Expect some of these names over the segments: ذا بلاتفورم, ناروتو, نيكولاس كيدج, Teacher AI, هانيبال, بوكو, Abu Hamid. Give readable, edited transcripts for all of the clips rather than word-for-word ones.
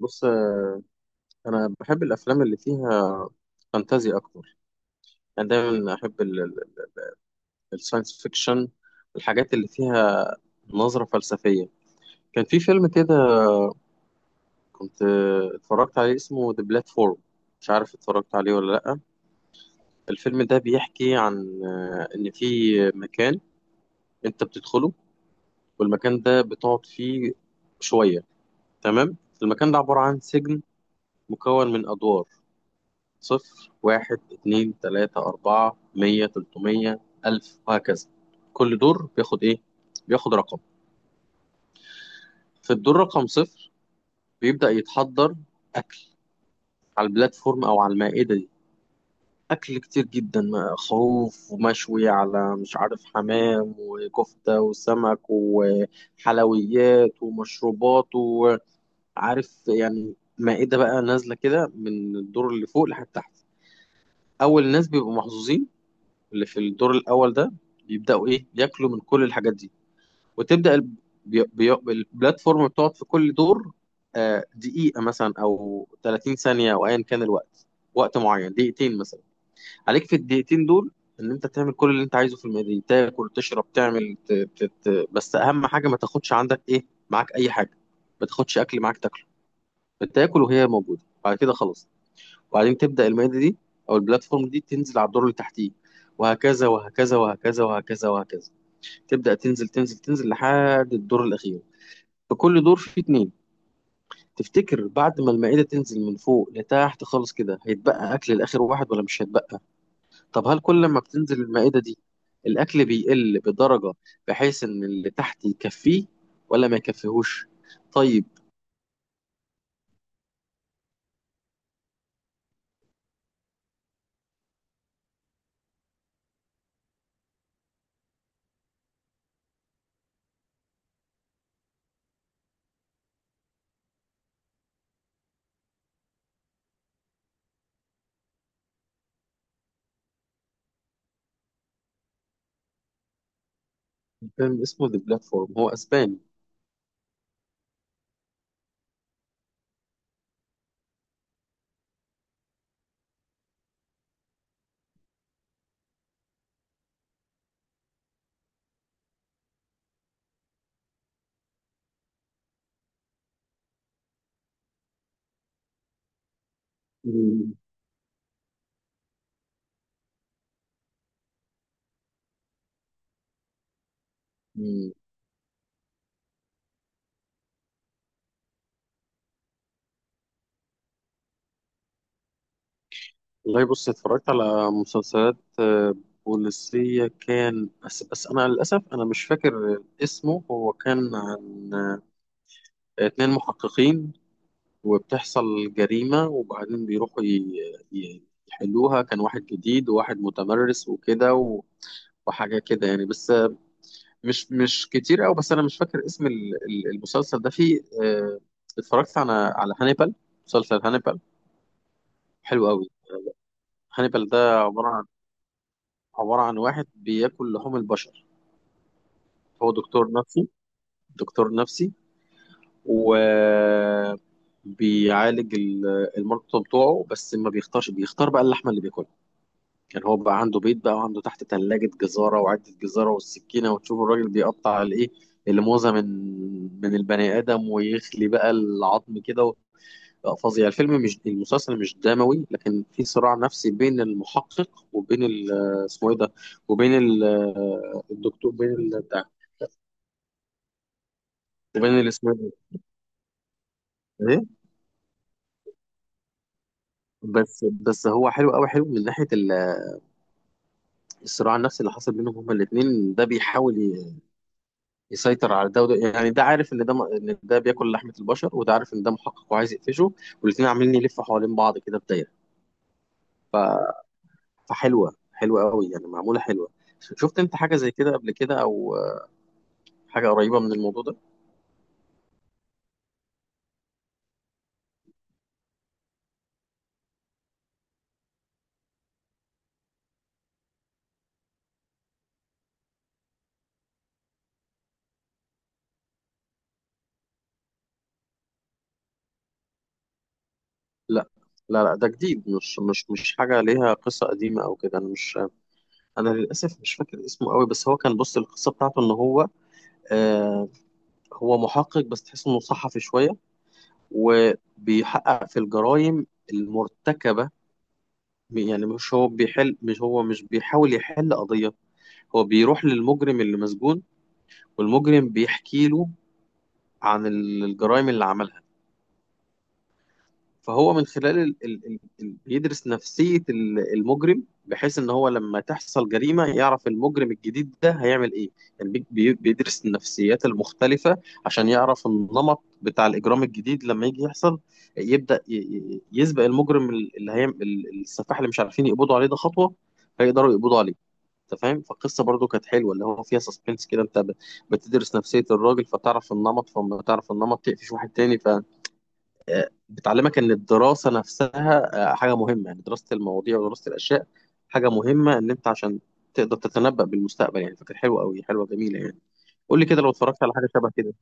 بص، انا بحب الافلام اللي فيها فانتازيا اكتر. انا دايما احب الساينس فيكشن، الحاجات اللي فيها نظرة فلسفية. كان في فيلم كده كنت اتفرجت عليه اسمه ذا بلاتفورم، مش عارف اتفرجت عليه ولا لا. الفيلم ده بيحكي عن ان في مكان انت بتدخله والمكان ده بتقعد فيه شوية، تمام. المكان ده عبارة عن سجن مكون من ادوار: صفر واحد اتنين تلاتة أربعة 100 300 1000 وهكذا. كل دور بياخد إيه؟ بياخد رقم. في الدور رقم صفر بيبدأ يتحضر أكل على البلاتفورم أو على المائدة دي، أكل كتير جدا خروف ومشوي على مش عارف حمام وكفتة وسمك وحلويات ومشروبات، وعارف يعني مائدة بقى نازلة كده من الدور اللي فوق لحد تحت. أول ناس بيبقوا محظوظين اللي في الدور الاول ده، يبداوا ايه، ياكلوا من كل الحاجات دي. وتبدا الب- بي- بي- البلاتفورم بتقعد في كل دور دقيقه مثلا او 30 ثانيه او ايا كان الوقت، وقت معين دقيقتين مثلا. عليك في الدقيقتين دول ان انت تعمل كل اللي انت عايزه في الميدان، تاكل تشرب تعمل بس اهم حاجه ما تاخدش عندك ايه معاك اي حاجه، ما تاخدش اكل معاك تاكله. بتاكل وهي موجوده بعد كده خلاص. وبعدين تبدأ المائدة دي أو البلاتفورم دي تنزل على الدور اللي تحتيه، وهكذا وهكذا وهكذا وهكذا وهكذا. تبدأ تنزل تنزل تنزل لحد الدور الأخير. في كل دور فيه اتنين. تفتكر بعد ما المائدة تنزل من فوق لتحت خالص كده هيتبقى أكل لآخر واحد ولا مش هيتبقى؟ طب هل كل ما بتنزل المائدة دي الأكل بيقل بدرجة بحيث إن اللي تحت يكفيه ولا ما يكفيهوش؟ طيب. فيلم اسمه ذا بلاتفورم، هو أسباني. مم. مم. والله بص اتفرجت على مسلسلات بوليسية، كان بس أنا للأسف أنا مش فاكر اسمه. هو كان عن اتنين محققين وبتحصل جريمة وبعدين بيروحوا يحلوها. كان واحد جديد وواحد متمرس وكده وحاجة كده يعني، بس مش كتير أوي. بس أنا مش فاكر اسم المسلسل ده. فيه اتفرجت على هانيبال، مسلسل هانيبال، حلو أوي. هانيبال ده عبارة عن واحد بياكل لحوم البشر. هو دكتور نفسي، دكتور نفسي، و بيعالج المرضى بتوعه، بس ما بيختارش، بيختار بقى اللحمة اللي بياكلها. يعني هو بقى عنده بيت بقى، وعنده تحت ثلاجة جزارة وعدة جزارة والسكينة، وتشوف الراجل بيقطع الايه، الموزة من البني آدم ويخلي بقى العظم كده بقى فظيع. الفيلم مش المسلسل مش دموي لكن في صراع نفسي بين المحقق وبين اسمه ايه ده، وبين الدكتور، بين ال- بتاع وبين الاسماعيلي. ايه؟ بس بس هو حلو قوي، حلو من ناحيه الصراع النفسي اللي حصل بينهم هما الاثنين. ده بيحاول يسيطر على ده وده، يعني ده عارف ان ده ان ده بياكل لحمه البشر وده عارف ان ده محقق وعايز يقفشه. والاثنين عاملين يلفوا حوالين بعض كده في دايره. فحلوه حلوه قوي يعني، معموله حلوه. شفت انت حاجه زي كده قبل كده او حاجه قريبه من الموضوع ده؟ لا لا لا، ده جديد، مش حاجه ليها قصه قديمه او كده. انا للاسف مش فاكر اسمه قوي. بس هو كان، بص القصه بتاعته ان هو آه، هو محقق بس تحس انه صحفي شويه، وبيحقق في الجرائم المرتكبه. يعني مش هو بيحل، مش هو مش بيحاول يحل قضيه، هو بيروح للمجرم اللي مسجون والمجرم بيحكي له عن الجرائم اللي عملها. فهو من خلال ال ال ال ال بيدرس نفسية المجرم بحيث ان هو لما تحصل جريمة يعرف المجرم الجديد ده هيعمل ايه. يعني بيدرس النفسيات المختلفة عشان يعرف النمط بتاع الإجرام الجديد لما يجي يحصل. يبدأ يسبق المجرم اللي هيعمل السفاح اللي مش عارفين يقبضوا عليه ده خطوة، فيقدروا يقبضوا عليه. انت فاهم؟ فالقصة برضو كانت حلوة اللي هو فيها سسبنس كده. انت بتدرس نفسية الراجل فتعرف النمط، فلما تعرف النمط تقفش واحد تاني. ف بتعلمك ان الدراسه نفسها حاجه مهمه، يعني دراسه المواضيع ودراسه الاشياء حاجه مهمه، ان انت عشان تقدر تتنبأ بالمستقبل يعني. فكانت حلوه قوي، حلوه جميله يعني. قول لي كده لو اتفرجت على حاجه شبه كده.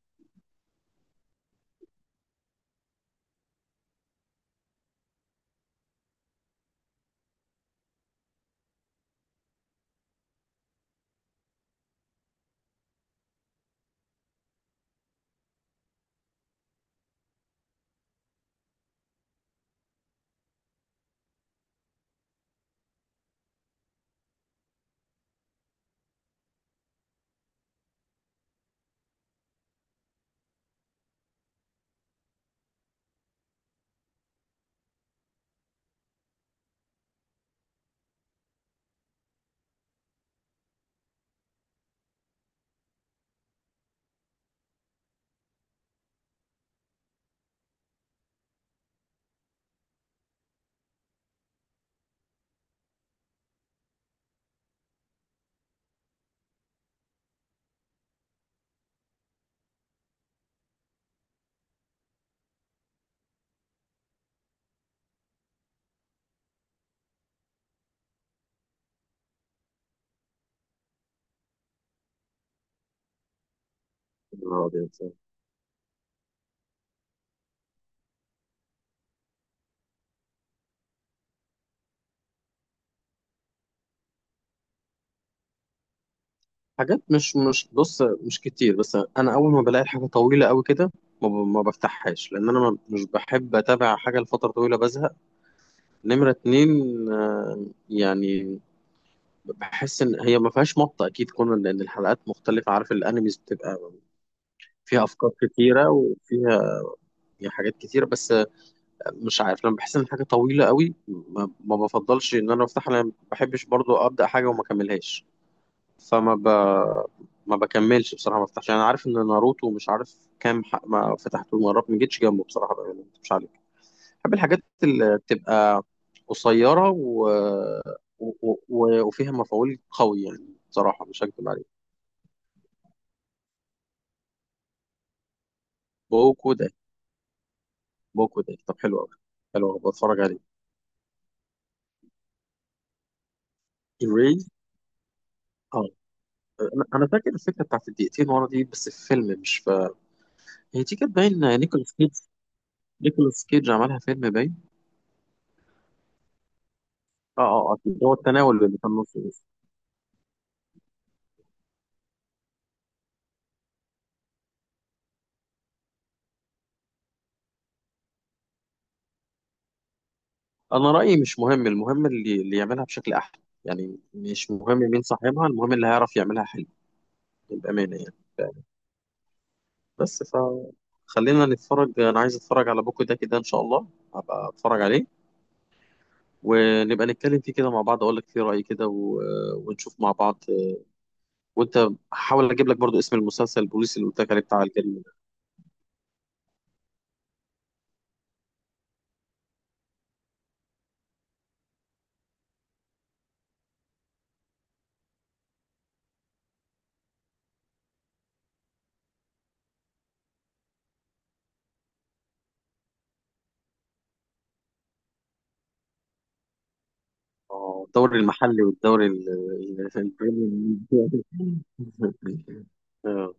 يا نهار أبيض. حاجات مش مش بص مش كتير، بس انا اول ما بلاقي حاجه طويله قوي كده، ما بفتحهاش لان انا مش بحب اتابع حاجه لفتره طويله، بزهق. نمره اتنين، يعني بحس ان هي ما فيهاش مطه اكيد كون لان الحلقات مختلفه، عارف الانميز بتبقى فيها افكار كتيره وفيها حاجات كتيره، بس مش عارف لما بحس ان حاجه طويله قوي ما بفضلش ان انا افتحها لان ما بحبش برضو ابدا حاجه وما اكملهاش. فما ب... ما بكملش بصراحه ما بفتحش. انا عارف ان ناروتو مش عارف كام حق ما فتحته مرات ما جيتش جنبه بصراحه بقى، يعني ما مش عليك. بحب الحاجات اللي بتبقى قصيره وفيها مفعول قوي، يعني بصراحه مش هكدب عليك. بوكو ده بوكو ده طب، حلو قوي، حلو أوي، بتفرج عليه. الري، أنا فاكر الفكره بتاعت الدقيقتين ورا دي بس في فيلم، مش في، هي دي كانت باين نيكولاس كيدج، نيكولاس كيدج عملها فيلم باين. اه اه اكيد هو التناول اللي في النص بس. انا رايي مش مهم، المهم اللي يعملها بشكل احلى، يعني مش مهم مين صاحبها، المهم اللي هيعرف يعملها حلو، بامانه يعني. بس ف خلينا نتفرج، انا عايز اتفرج على بوكو ده كده ان شاء الله، هبقى اتفرج عليه ونبقى نتكلم فيه كده مع بعض، اقول لك فيه رايي كده ونشوف مع بعض. وانت هحاول اجيب لك برضو اسم المسلسل البوليسي اللي قلت لك عليه بتاع الجريمه. اه، الدوري المحلي والدوري البريمير ليج. آه،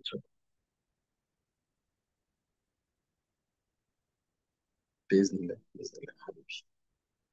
إن شاء الله. بإذن الله بإذن الله حبيبي.